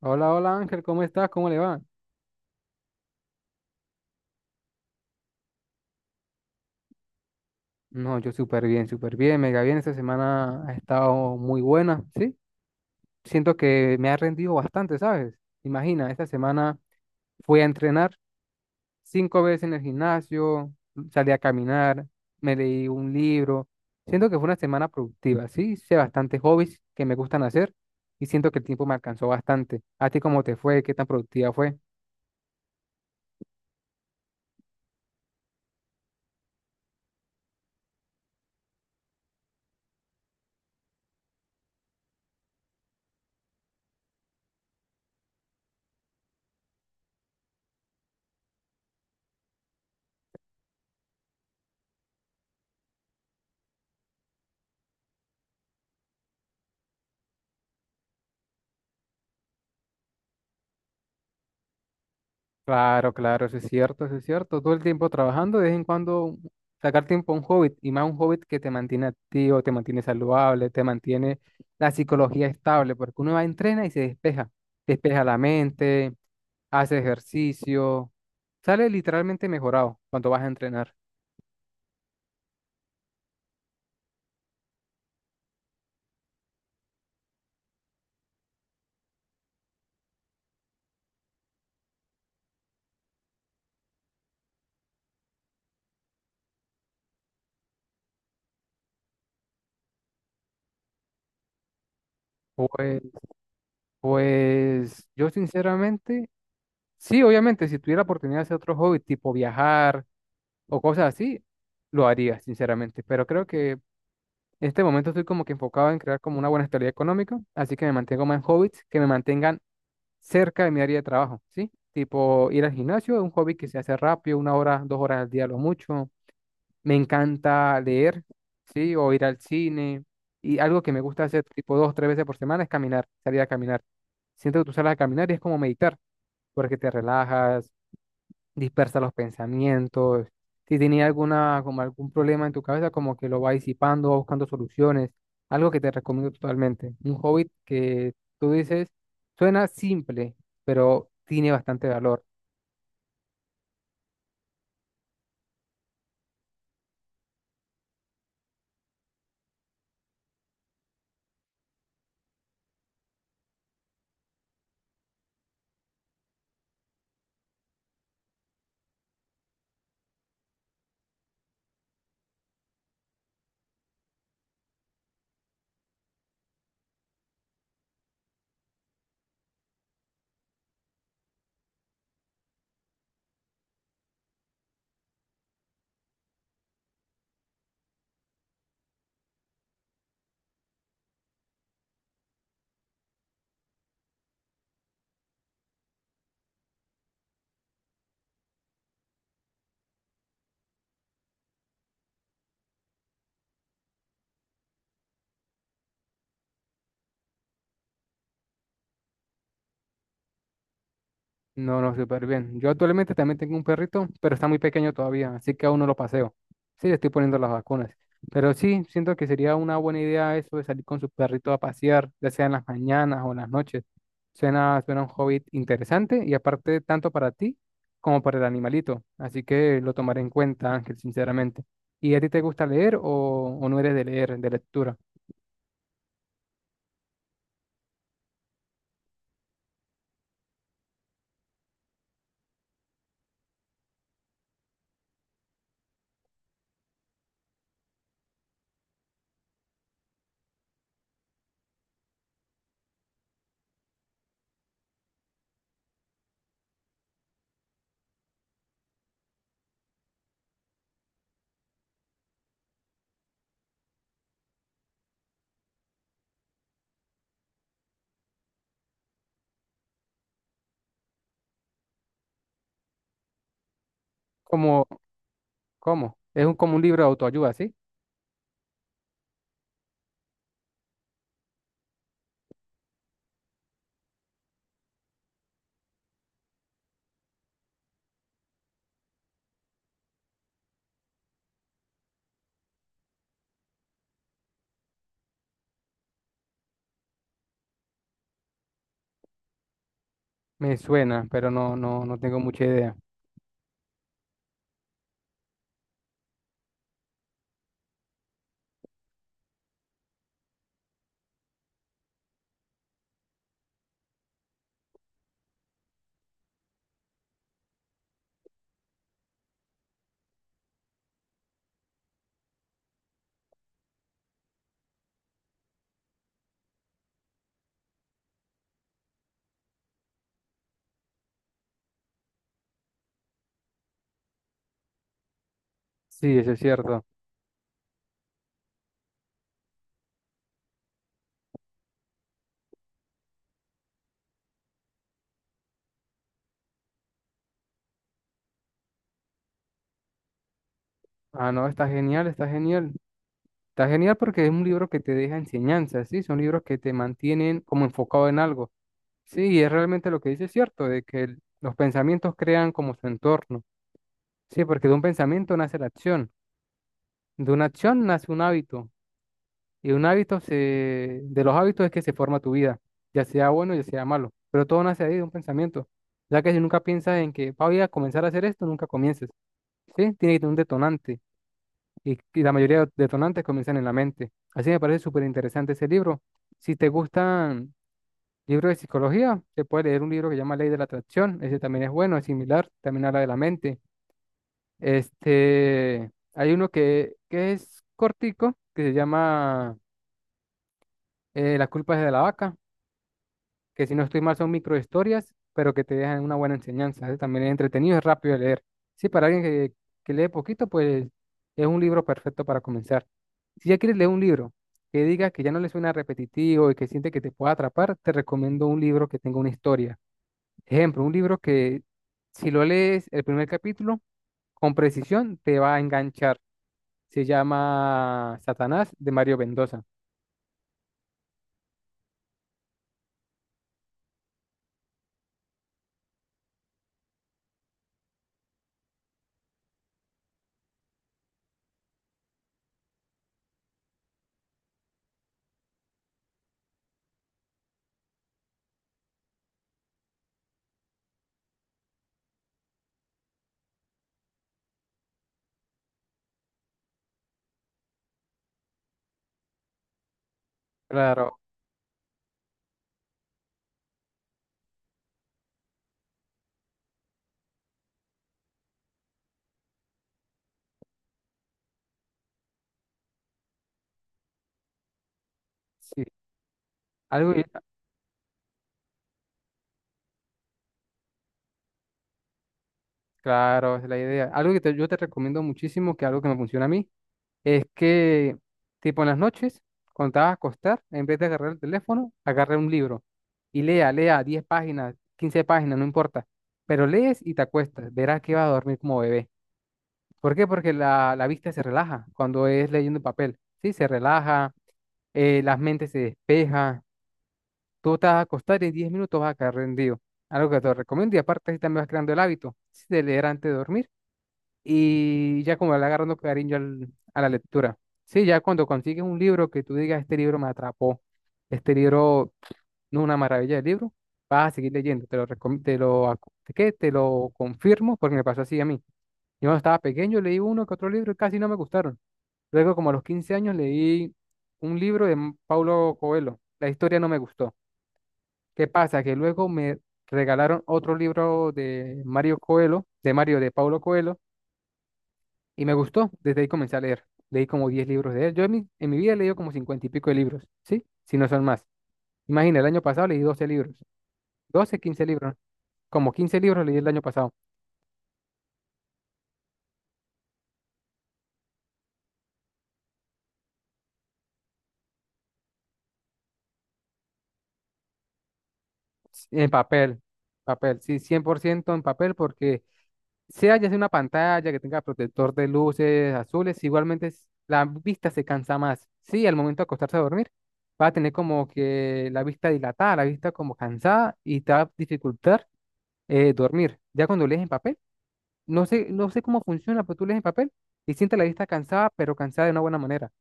Hola, hola Ángel, ¿cómo estás? ¿Cómo le va? No, yo súper bien, mega bien. Esta semana ha estado muy buena, ¿sí? Siento que me ha rendido bastante, ¿sabes? Imagina, esta semana fui a entrenar 5 veces en el gimnasio, salí a caminar, me leí un libro. Siento que fue una semana productiva, ¿sí? Hice bastantes hobbies que me gustan hacer y siento que el tiempo me alcanzó bastante. ¿A ti cómo te fue? ¿Qué tan productiva fue? Claro, claro, eso es cierto, eso es cierto. Todo el tiempo trabajando, de vez en cuando sacar tiempo a un hobby y más un hobby que te mantiene activo, te mantiene saludable, te mantiene la psicología estable, porque uno va, entrena y se despeja, despeja la mente, hace ejercicio, sale literalmente mejorado cuando vas a entrenar. Pues, pues yo sinceramente, sí, obviamente, si tuviera la oportunidad de hacer otro hobby, tipo viajar o cosas así, lo haría, sinceramente, pero creo que en este momento estoy como que enfocado en crear como una buena estabilidad económica, así que me mantengo más en hobbies que me mantengan cerca de mi área de trabajo, ¿sí? Tipo ir al gimnasio, es un hobby que se hace rápido, una hora, 2 horas al día, lo mucho. Me encanta leer, ¿sí? O ir al cine. Y algo que me gusta hacer tipo dos, tres veces por semana es caminar, salir a caminar. Siento que tú sales a caminar y es como meditar, porque te relajas, dispersa los pensamientos. Si tenía alguna, como algún problema en tu cabeza, como que lo va disipando, va buscando soluciones. Algo que te recomiendo totalmente. Un hobby que tú dices, suena simple, pero tiene bastante valor. No, no, súper bien. Yo actualmente también tengo un perrito, pero está muy pequeño todavía, así que aún no lo paseo. Sí, le estoy poniendo las vacunas. Pero sí, siento que sería una buena idea eso de salir con su perrito a pasear, ya sea en las mañanas o en las noches. Suena, suena un hobby interesante y aparte tanto para ti como para el animalito. Así que lo tomaré en cuenta, Ángel, sinceramente. ¿Y a ti te gusta leer o no eres de leer, de lectura? ¿Cómo, cómo? Es un, como un libro de autoayuda, ¿sí? Me suena, pero no, no, no tengo mucha idea. Sí, eso es cierto. Ah, no, está genial, está genial. Está genial porque es un libro que te deja enseñanzas, ¿sí? Son libros que te mantienen como enfocado en algo. Sí, y es realmente lo que dice es cierto, de que los pensamientos crean como su entorno. Sí, porque de un pensamiento nace la acción, de una acción nace un hábito, y un hábito se, de los hábitos es que se forma tu vida, ya sea bueno, ya sea malo, pero todo nace ahí de un pensamiento, ya que si nunca piensas en que "Ah, voy a comenzar a hacer esto", nunca comiences, ¿sí? Tiene que tener un detonante. Y la mayoría de detonantes comienzan en la mente. Así me parece súper interesante ese libro. Si te gustan libros de psicología, te puedes leer un libro que se llama Ley de la Atracción. Ese también es bueno, es similar, también habla de la mente. Este, hay uno que es cortico, que se llama La culpa es de la vaca. Que si no estoy mal son microhistorias, pero que te dejan una buena enseñanza, ¿eh? También es entretenido, es rápido de leer. Sí, para alguien que lee poquito, pues es un libro perfecto para comenzar. Si ya quieres leer un libro que diga que ya no le suena repetitivo y que siente que te pueda atrapar, te recomiendo un libro que tenga una historia. Ejemplo, un libro que si lo lees el primer capítulo, con precisión te va a enganchar. Se llama Satanás de Mario Mendoza. Claro, sí. Algo, claro, esa es la idea. Algo que yo te recomiendo muchísimo, que algo que me funciona a mí, es que, tipo, en las noches, cuando te vas a acostar, en vez de agarrar el teléfono, agarra un libro y lea, lea 10 páginas, 15 páginas, no importa. Pero lees y te acuestas, verás que vas a dormir como bebé. ¿Por qué? Porque la vista se relaja cuando es leyendo en papel, ¿sí? Se relaja, las mentes se despeja, tú te vas a acostar y en 10 minutos vas a caer rendido. Algo que te recomiendo y aparte así también vas creando el hábito, sí, de leer antes de dormir y ya como le agarrando cariño a la lectura. Sí, ya cuando consigues un libro que tú digas, este libro me atrapó, este libro no es una maravilla de libro, vas a seguir leyendo, te lo, recom- te lo, acu- ¿qué? Te lo confirmo porque me pasó así a mí. Yo cuando estaba pequeño leí uno que otro libro y casi no me gustaron. Luego como a los 15 años leí un libro de Paulo Coelho, la historia no me gustó. ¿Qué pasa? Que luego me regalaron otro libro de Mario Coelho, de Mario de Paulo Coelho, y me gustó, desde ahí comencé a leer. Leí como 10 libros de él. Yo en mi vida he leído como 50 y pico de libros, ¿sí? Si no son más. Imagina, el año pasado leí 12 libros. Doce 15 libros. Como 15 libros leí el año pasado. En papel. Papel, sí, 100% en papel porque sea ya sea una pantalla que tenga protector de luces azules, igualmente es- la vista se cansa más. Sí, al momento de acostarse a dormir, va a tener como que la vista dilatada, la vista como cansada y te va a dificultar dormir. Ya cuando lees en papel, no sé, no sé cómo funciona, pero tú lees el papel y sientes la vista cansada, pero cansada de una buena manera,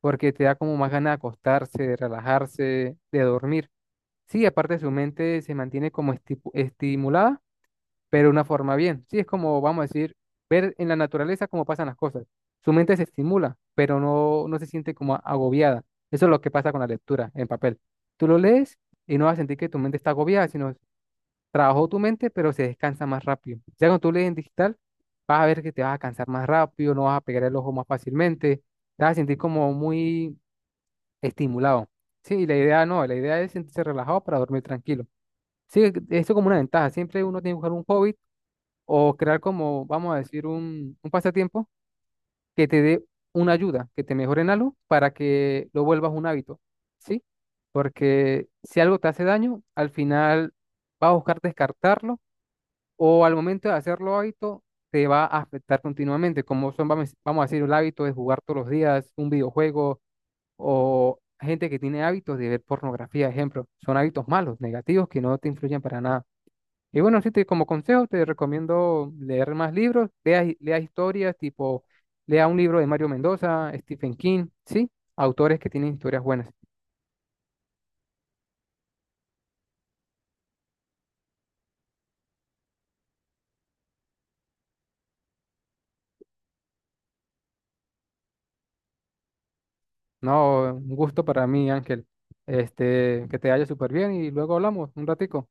porque te da como más ganas de acostarse, de relajarse, de dormir. Sí, aparte su mente se mantiene como estimulada, pero de una forma bien. Sí, es como, vamos a decir, ver en la naturaleza cómo pasan las cosas. Su mente se estimula, pero no, no se siente como agobiada. Eso es lo que pasa con la lectura en papel. Tú lo lees y no vas a sentir que tu mente está agobiada, sino trabajó tu mente, pero se descansa más rápido. Ya cuando tú lees en digital, vas a ver que te vas a cansar más rápido, no vas a pegar el ojo más fácilmente, te vas a sentir como muy estimulado. Sí, y la idea no, la idea es sentirse relajado para dormir tranquilo. Sí, esto es como una ventaja. Siempre uno tiene que buscar un hobby o crear como, vamos a decir, un pasatiempo que te dé una ayuda, que te mejore en algo para que lo vuelvas un hábito. ¿Sí? Porque si algo te hace daño, al final vas a buscar descartarlo o al momento de hacerlo hábito te va a afectar continuamente, como son, vamos a decir, el hábito de jugar todos los días un videojuego o gente que tiene hábitos de ver pornografía, ejemplo, son hábitos malos, negativos, que no te influyen para nada. Y bueno, sí, te, como consejo te recomiendo leer más libros, lea historias, tipo, lea un libro de Mario Mendoza, Stephen King, ¿sí? Autores que tienen historias buenas. No, un gusto para mí, Ángel. Este, que te vaya súper bien y luego hablamos un ratico.